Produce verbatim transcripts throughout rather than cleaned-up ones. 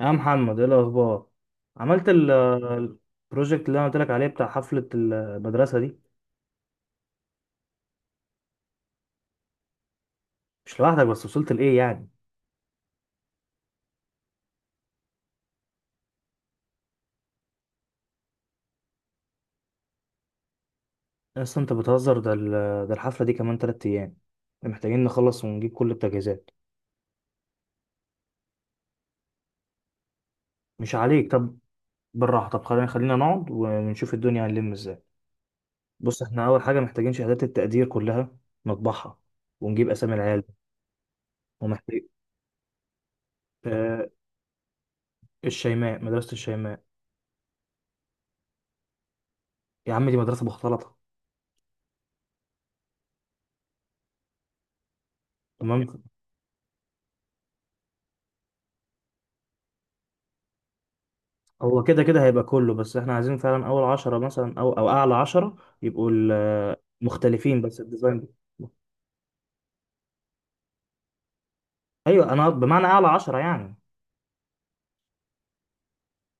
يا محمد ايه الاخبار؟ عملت ال- البروجكت اللي انا قلت لك عليه بتاع حفله المدرسه دي. مش لوحدك، بس وصلت لايه يعني؟ اصلا انت بتهزر. ده ال- ده الحفله دي كمان تلات ايام. احنا محتاجين نخلص ونجيب كل التجهيزات. مش عليك طب، بالراحه. طب خلينا خلينا نقعد ونشوف الدنيا هنلم ازاي. بص، احنا اول حاجه محتاجين شهادات التقدير كلها، نطبعها ونجيب اسامي العيال. ومحتاج آه، الشيماء، مدرسه الشيماء. يا عم دي مدرسه مختلطه. تمام. هو كده كده هيبقى كله، بس احنا عايزين فعلا اول عشرة مثلا او او اعلى عشرة يبقوا ال- مختلفين، بس الديزاين ده. ايوه انا بمعنى اعلى عشرة يعني.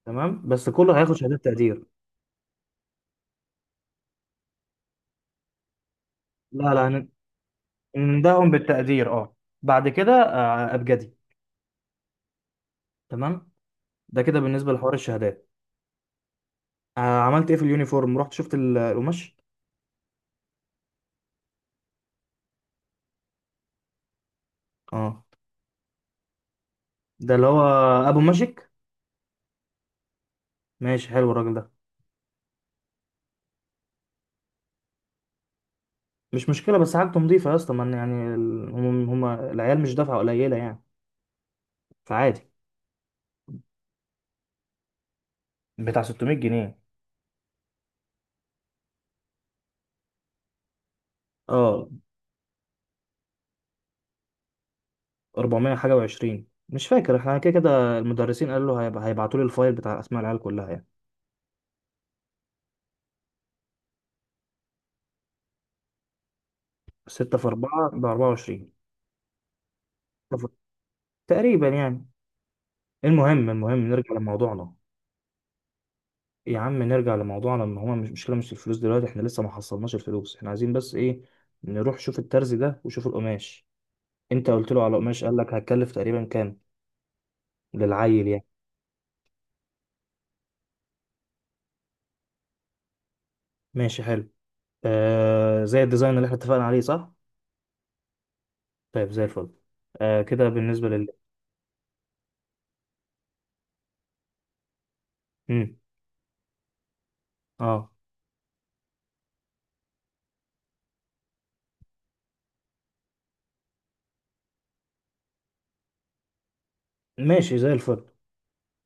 تمام، بس كله هياخد شهادات تقدير. لا لا ن- نندههم بالتقدير، اه. بعد كده آه، ابجدي. تمام. ده كده بالنسبة لحوار الشهادات. آه، عملت ايه في اليونيفورم؟ رحت شفت ال- القماش؟ اه، ده اللي هو ابو ماجيك. ماشي، حلو الراجل ده. مش مشكلة، بس حاجته نظيفة يا اسطى. ما يعني ال- هم هم العيال مش دافعة قليلة يعني، فعادي. بتاع ستمية جنيه. اه، اربعمائة حاجه و20، مش فاكر. احنا كده كده المدرسين قالوا له هيبقى هيبعتوا لي الفايل بتاع اسماء العيال كلها يعني. ستة في اربعة ب اربعة وعشرين، تقريبا يعني. المهم المهم نرجع لموضوعنا. يا عم نرجع لموضوعنا. ان هما مش مشكله، مش الفلوس دلوقتي. احنا لسه ما حصلناش الفلوس. احنا عايزين بس ايه، نروح شوف الترز ده وشوف القماش. انت قلت له على القماش، قال لك هتكلف تقريبا كام للعيل يعني؟ ماشي، حلو. آه زي الديزاين اللي احنا اتفقنا عليه، صح؟ طيب زي الفل. آه كده بالنسبه. امم، اه ماشي زي الفل.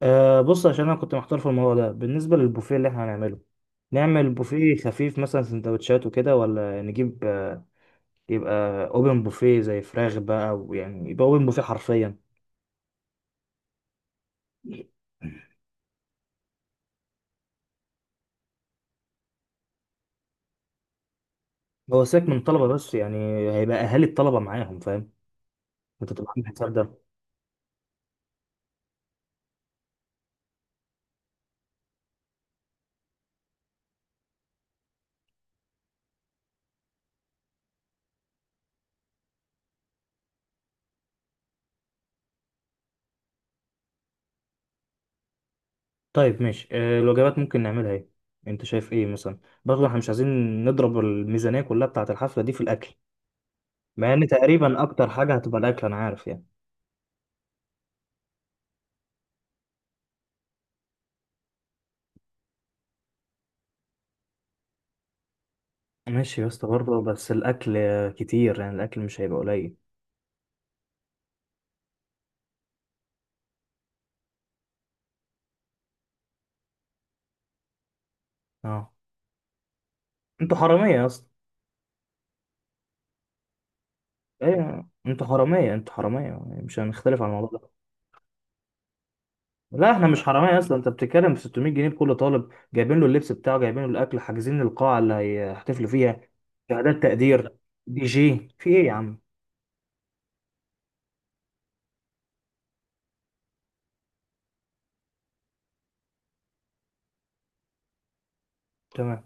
آه بص، عشان انا كنت محتار في الموضوع ده بالنسبه للبوفيه اللي احنا هنعمله. نعمل بوفيه خفيف مثلا، سندوتشات وكده، ولا نجيب آه يبقى اوبن بوفيه، زي فراخ بقى، ويعني يبقى اوبن بوفيه حرفيا. هو سيبك من الطلبه بس يعني. هيبقى اهالي الطلبه معاهم، فاهم؟ انت تبقى عامل حساب ده. طيب ماشي. آه الوجبات ممكن نعملها ايه؟ انت شايف ايه مثلا؟ برضه احنا مش عايزين نضرب الميزانيه كلها بتاعه الحفله دي في الاكل. مع ان تقريبا اكتر حاجه هتبقى الاكل، انا عارف يعني. ماشي يا اسطى، برضه بس الاكل كتير يعني، الاكل مش هيبقى قليل. اه انتوا حراميه يا اسطى. ايوه انتوا حراميه انتوا حراميه يعني، مش هنختلف على الموضوع ده. لا احنا مش حراميه اصلا. انت بتتكلم في ستمائة جنيه لكل طالب، جايبين له اللبس بتاعه، جايبين له الاكل، حاجزين القاعه اللي هيحتفلوا فيها، شهادات تقدير، دي جي، في ايه يا عم؟ تمام.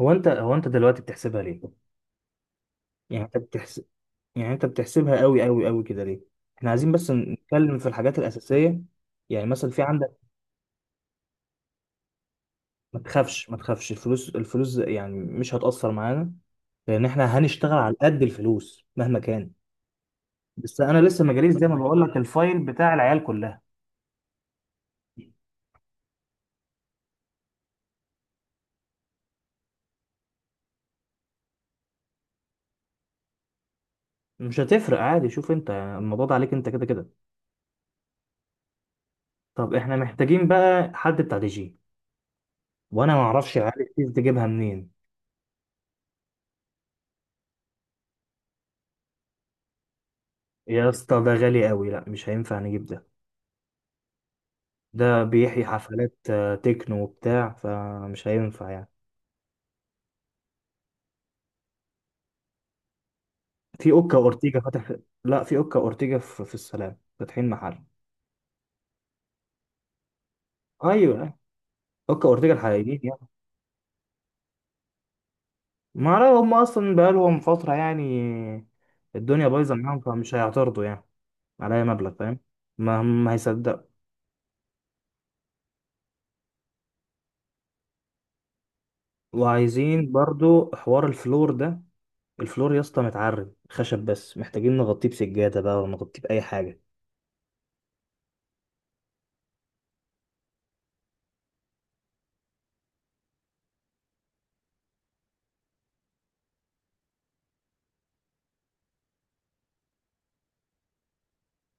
هو انت هو انت دلوقتي بتحسبها ليه؟ يعني انت بتحسب، يعني انت بتحسبها قوي قوي قوي كده ليه؟ احنا عايزين بس نتكلم في الحاجات الاساسيه. يعني مثلا في عندك. ما تخافش ما تخافش الفلوس، الفلوس يعني مش هتأثر معانا، لأن احنا هنشتغل على قد الفلوس مهما كان. بس أنا لسه ما جاليش زي ما بقول لك الفايل بتاع العيال كلها. مش هتفرق عادي. شوف أنت يعني الموضوع ده عليك أنت كده كده. طب احنا محتاجين بقى حد بتاع دي جي، وأنا ما أعرفش العيال دي تجيبها منين. يا اسطى ده غالي قوي، لا مش هينفع نجيب ده. ده بيحيي حفلات آه، تكنو وبتاع، فمش هينفع يعني. في أوكا أورتيجا فاتح. لا، في أوكا أورتيجا في, في السلام فاتحين محل. ايوه، اوكا اورتيجا الحقيقيين يعني. ما اعرف، هم اصلا بقالهم فتره يعني. الدنيا بايظه معاهم، فمش هيعترضوا يعني على اي مبلغ، فاهم؟ ما هم هيصدقوا. وعايزين برضو حوار الفلور ده. الفلور يا اسطى متعرب خشب، بس محتاجين نغطيه بسجاده بقى ولا نغطيه باي حاجه.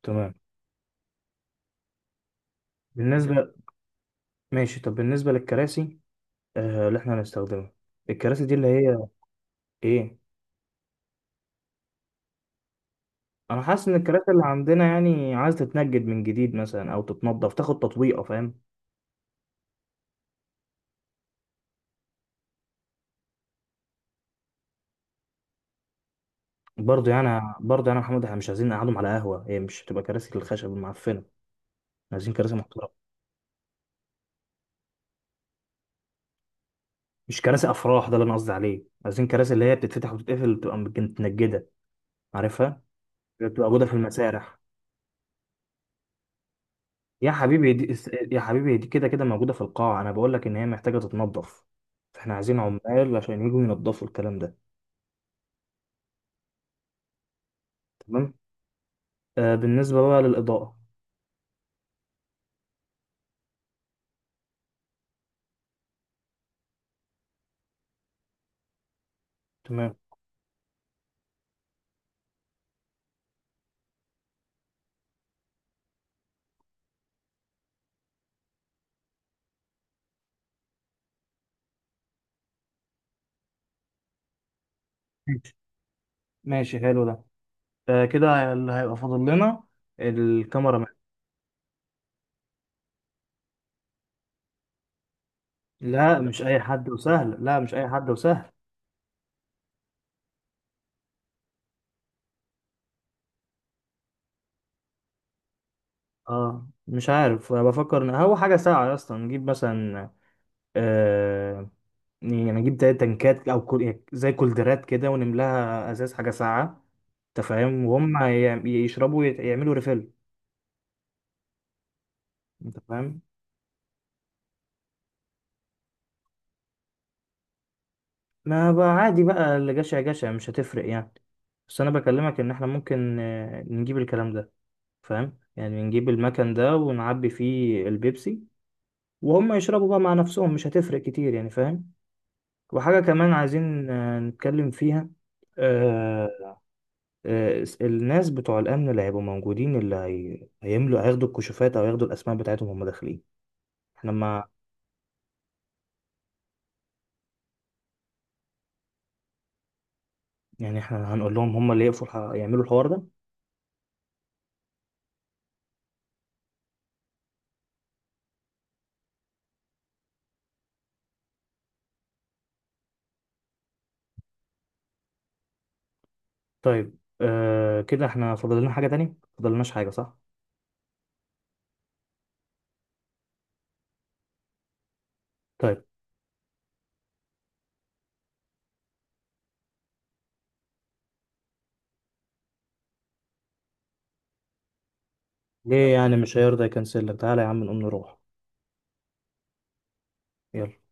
تمام. بالنسبه، ماشي. طب بالنسبه للكراسي، آه اللي احنا هنستخدمها. الكراسي دي اللي هي ايه؟ انا حاسس ان الكراسي اللي عندنا يعني عايز تتنجد من جديد مثلا، او تتنضف تاخد تطويقه، فاهم؟ برضه يعني برضه يعني يا محمود، احنا مش عايزين نقعدهم على قهوه، هي مش هتبقى كراسي الخشب المعفنه. عايزين كراسي محترمه. مش كراسي افراح، ده اللي انا قصدي عليه. عايزين كراسي اللي هي بتتفتح وتتقفل، بتبقى متنجده، عارفها؟ اللي بتبقى موجوده في المسارح. يا حبيبي دي يا حبيبي دي كده كده موجوده في القاعه، انا بقول لك ان هي محتاجه تتنظف. فاحنا عايزين عمال عشان يجوا ينظفوا الكلام ده. تمام. آه بالنسبه بقى للاضاءه. تمام. ماشي، ماشي حلو ده. آه كده اللي هيبقى فاضل لنا الكاميرا. لا ولا مش اي حد وسهل، لا مش اي حد وسهل. اه مش عارف، أنا بفكر ان هو حاجه ساعه اصلا. نجيب مثلا آه يعني نجيب تلات تنكات او كل... زي كولدرات كده، ونملاها ازاز حاجه ساعه. انت فاهم؟ وهم ي- يشربوا ويت- يعملوا ريفيل. انت فاهم؟ ما بقى عادي بقى، اللي جشع جشع، مش هتفرق يعني. بس انا بكلمك ان احنا ممكن آه، نجيب الكلام ده، فاهم؟ يعني نجيب المكان ده ونعبي فيه البيبسي، وهم يشربوا بقى مع نفسهم، مش هتفرق كتير يعني، فاهم؟ وحاجة كمان عايزين آه، نتكلم فيها. آه، آه، الناس بتوع الأمن اللي هيبقوا موجودين اللي هي... هيملوا، هياخدوا الكشوفات أو هياخدوا الأسماء بتاعتهم وهم داخلين. احنا ما، يعني احنا هنقول لهم هم اللي يقفوا الح... يعملوا الحوار ده. طيب، آه كده احنا فاضل لنا حاجة تانية؟ فاضل لناش حاجة صح؟ طيب. ليه يعني مش هيرضى يكنسل لك؟ تعالى يا عم نقوم نروح. يلا.